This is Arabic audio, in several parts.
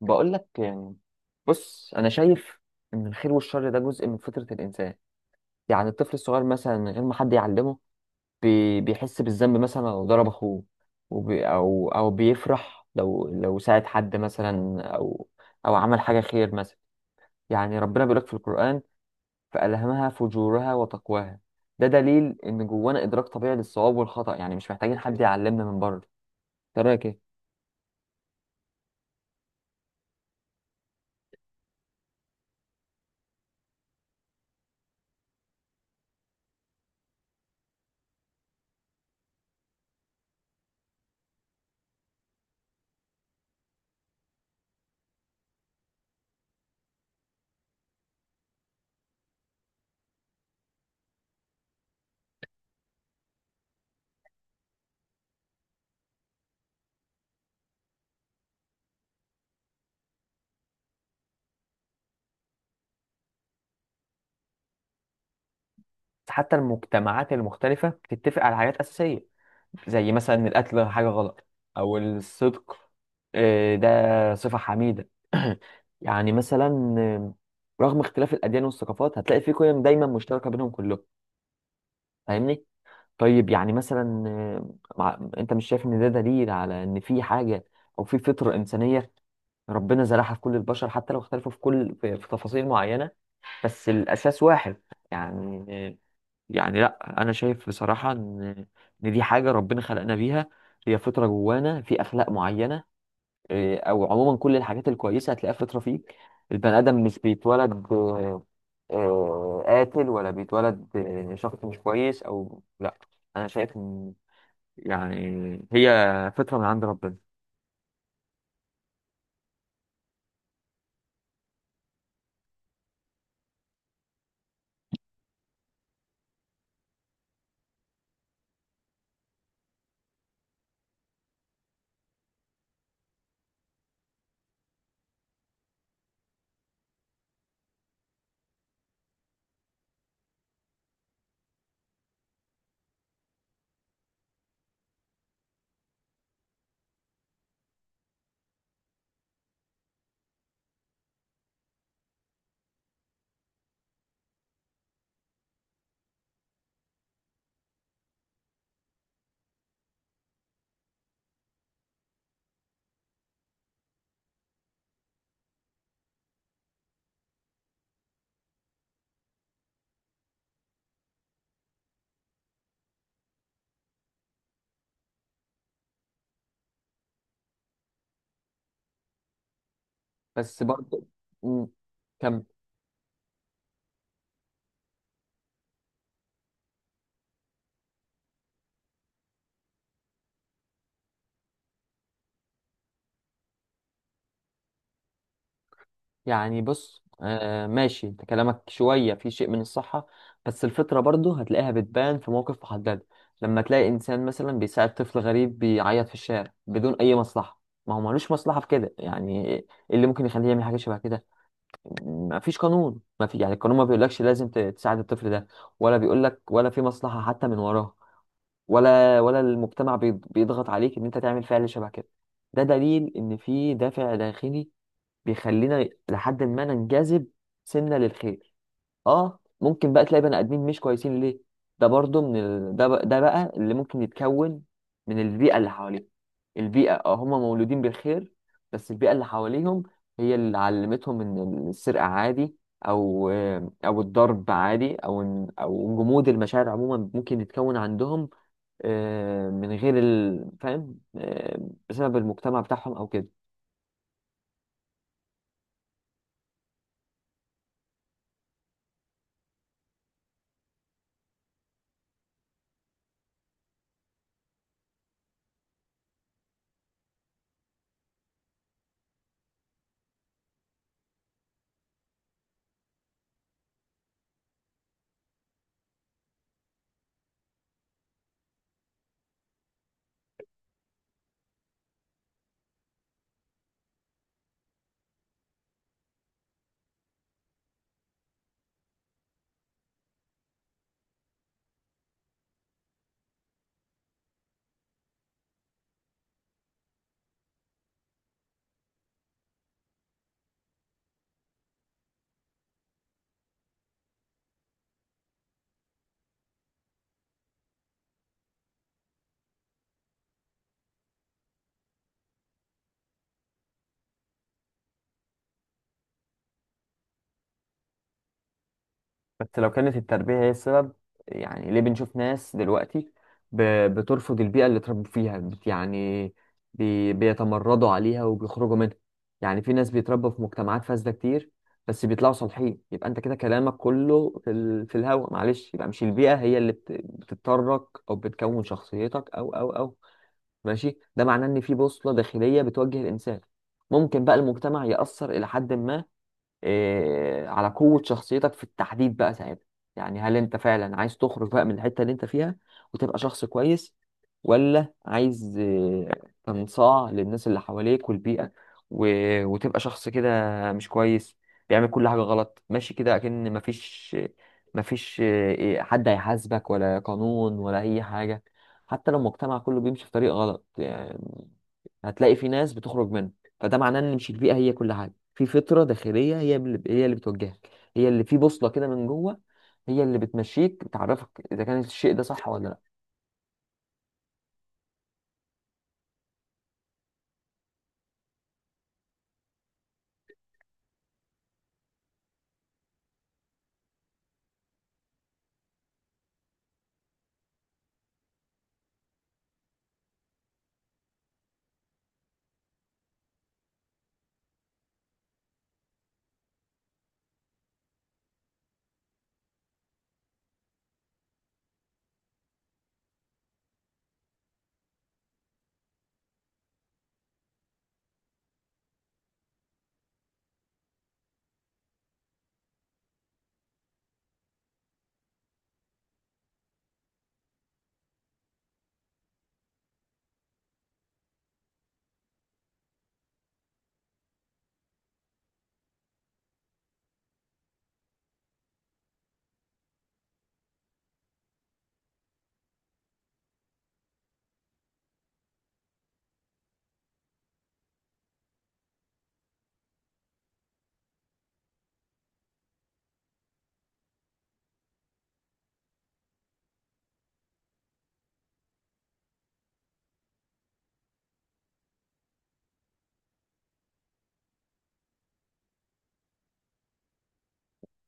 بقول لك يعني بص انا شايف ان الخير والشر ده جزء من فطرة الانسان. يعني الطفل الصغير مثلا من غير ما حد يعلمه بيحس بالذنب مثلا لو ضرب اخوه. وبي او او بيفرح لو ساعد حد مثلا او عمل حاجة خير مثلا. يعني ربنا بيقول لك في القرآن: فألهمها فجورها وتقواها. ده دليل ان جوانا ادراك طبيعي للصواب والخطأ، يعني مش محتاجين حد يعلمنا من بره. ترى حتى المجتمعات المختلفة بتتفق على حاجات أساسية، زي مثلا إن القتل حاجة غلط، أو الصدق. ده صفة حميدة. يعني مثلا رغم اختلاف الأديان والثقافات هتلاقي في قيم دايما مشتركة بينهم كلهم. فاهمني؟ طيب يعني مثلا أنت مش شايف إن ده دليل على إن في حاجة، أو في فطرة إنسانية ربنا زرعها في كل البشر حتى لو اختلفوا في كل في تفاصيل معينة؟ بس الأساس واحد يعني. لا، انا شايف بصراحه ان دي حاجه ربنا خلقنا بيها. هي فطره جوانا في اخلاق معينه. او عموما كل الحاجات الكويسه هتلاقيها فطره فيك. البني ادم مش بيتولد قاتل، ولا بيتولد شخص مش كويس، او لا. انا شايف ان يعني هي فطره من عند ربنا. بس برضه. مم، كمل. يعني بص، ماشي، انت كلامك شوية في شيء من الصحة، بس الفطرة برضو هتلاقيها بتبان في موقف محدد. لما تلاقي إنسان مثلا بيساعد طفل غريب بيعيط في الشارع بدون أي مصلحة، ما هو ملوش مصلحة في كده، يعني إيه اللي ممكن يخليه يعمل حاجة شبه كده؟ ما فيش قانون، ما في يعني القانون ما بيقولكش لازم تساعد الطفل ده، ولا بيقولك، ولا في مصلحة حتى من وراه، ولا المجتمع بيضغط عليك إن أنت تعمل فعل شبه كده. ده دليل إن في دافع داخلي بيخلينا لحد ما ننجذب سنة للخير. اه، ممكن بقى تلاقي بني ادمين مش كويسين. ليه؟ ده برضو من ده بقى اللي ممكن يتكون من البيئة اللي حواليهم. البيئة، اه، هم مولودين بالخير بس البيئة اللي حواليهم هي اللي علمتهم ان السرقة عادي، او الضرب عادي، او جمود المشاعر عموما ممكن يتكون عندهم من غير فاهم، بسبب المجتمع بتاعهم او كده. بس لو كانت التربية هي السبب، يعني ليه بنشوف ناس دلوقتي ب- بترفض البيئة اللي اتربوا فيها؟ يعني بيتمردوا عليها وبيخرجوا منها. يعني في ناس بيتربوا في مجتمعات فاسدة كتير بس بيطلعوا صالحين، يبقى انت كده كلامك كله في الهوا، معلش. يبقى مش البيئة هي اللي بتضطرك او بتكون شخصيتك، او او او ماشي. ده معناه ان في بوصلة داخلية بتوجه الانسان. ممكن بقى المجتمع يأثر إلى حد ما، على قوة شخصيتك في التحديد بقى ساعتها. يعني هل انت فعلا عايز تخرج بقى من الحتة اللي انت فيها وتبقى شخص كويس، ولا عايز، تنصاع للناس اللي حواليك والبيئة و... وتبقى شخص كده مش كويس بيعمل كل حاجة غلط؟ ماشي كده، أكن مفيش. مفيش آه، إيه، حد هيحاسبك ولا قانون ولا أي حاجة. حتى لو المجتمع كله بيمشي في طريق غلط، يعني هتلاقي في ناس بتخرج منه. فده معناه ان مش البيئه هي كل حاجه، في فطره داخليه هي اللي بتوجهك، هي اللي في بوصله كده من جوه، هي اللي بتمشيك بتعرفك اذا كان الشيء ده صح ولا لا.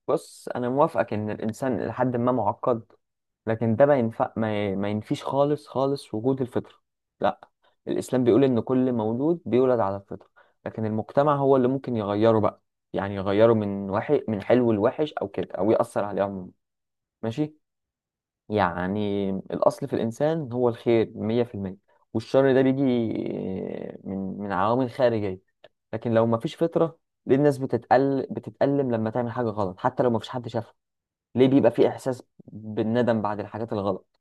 بص، انا موافقك ان الانسان لحد ما معقد، لكن ده ما ينفع، ما ينفيش خالص وجود الفطره، لا. الاسلام بيقول ان كل مولود بيولد على الفطره، لكن المجتمع هو اللي ممكن يغيره بقى. يعني يغيره من وحي من حلو لوحش او كده، او يأثر عليه عموما، ماشي. يعني الأصل في الإنسان هو الخير مية في المية، والشر ده بيجي من عوامل خارجية. لكن لو مفيش فطرة، ليه الناس بتتقل بتتألم لما تعمل حاجة غلط حتى لو مفيش حد شافها؟ ليه بيبقى في إحساس بالندم بعد الحاجات الغلط،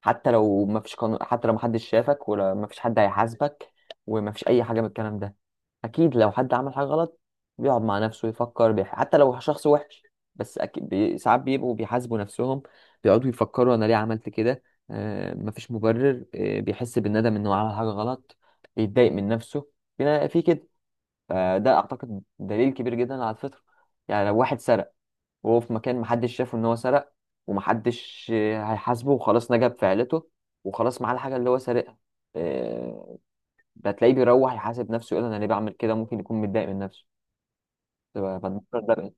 حتى لو ما فيش قانون، حتى لو ما حدش شافك، ولا ما فيش حد هيحاسبك، وما فيش اي حاجه من الكلام ده؟ اكيد لو حد عمل حاجه غلط بيقعد مع نفسه يفكر، حتى لو شخص وحش بس اكيد، ساعات بيبقوا بيحاسبوا نفسهم، بيقعدوا يفكروا: انا ليه عملت كده؟ آه، مفيش مبرر. آه، بيحس بالندم انه عمل حاجه غلط، بيتضايق من نفسه. في كده. فده اعتقد دليل كبير جدا على الفطره. يعني لو واحد سرق وهو في مكان محدش شافه ان هو سرق، ومحدش هيحاسبه، وخلاص نجا بفعلته، وخلاص معاه الحاجة اللي هو سارقها، آه، هتلاقيه بيروح يحاسب نفسه، يقول: انا ليه بعمل كده؟ ممكن يكون متضايق من نفسه، تبقى بتذكر ده بقى.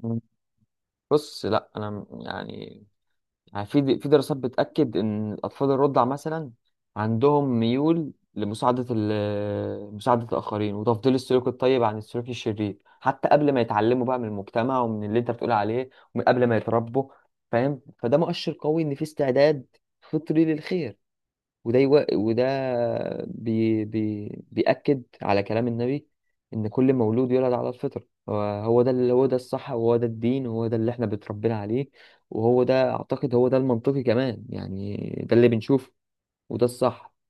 مم. بص، لا، انا يعني، في دراسات بتأكد إن الأطفال الرضع مثلا عندهم ميول لمساعدة مساعدة الآخرين وتفضيل السلوك الطيب عن السلوك الشرير حتى قبل ما يتعلموا بقى من المجتمع ومن اللي أنت بتقول عليه ومن قبل ما يتربوا. فاهم، فده مؤشر قوي إن في استعداد فطري للخير. وده بيأكد على كلام النبي إن كل مولود يولد على الفطرة. هو ده اللي، هو ده الصح، وهو ده الدين، وهو ده اللي احنا بتربينا عليه، وهو ده أعتقد هو ده المنطقي كمان يعني. ده اللي بنشوفه، وده الصح.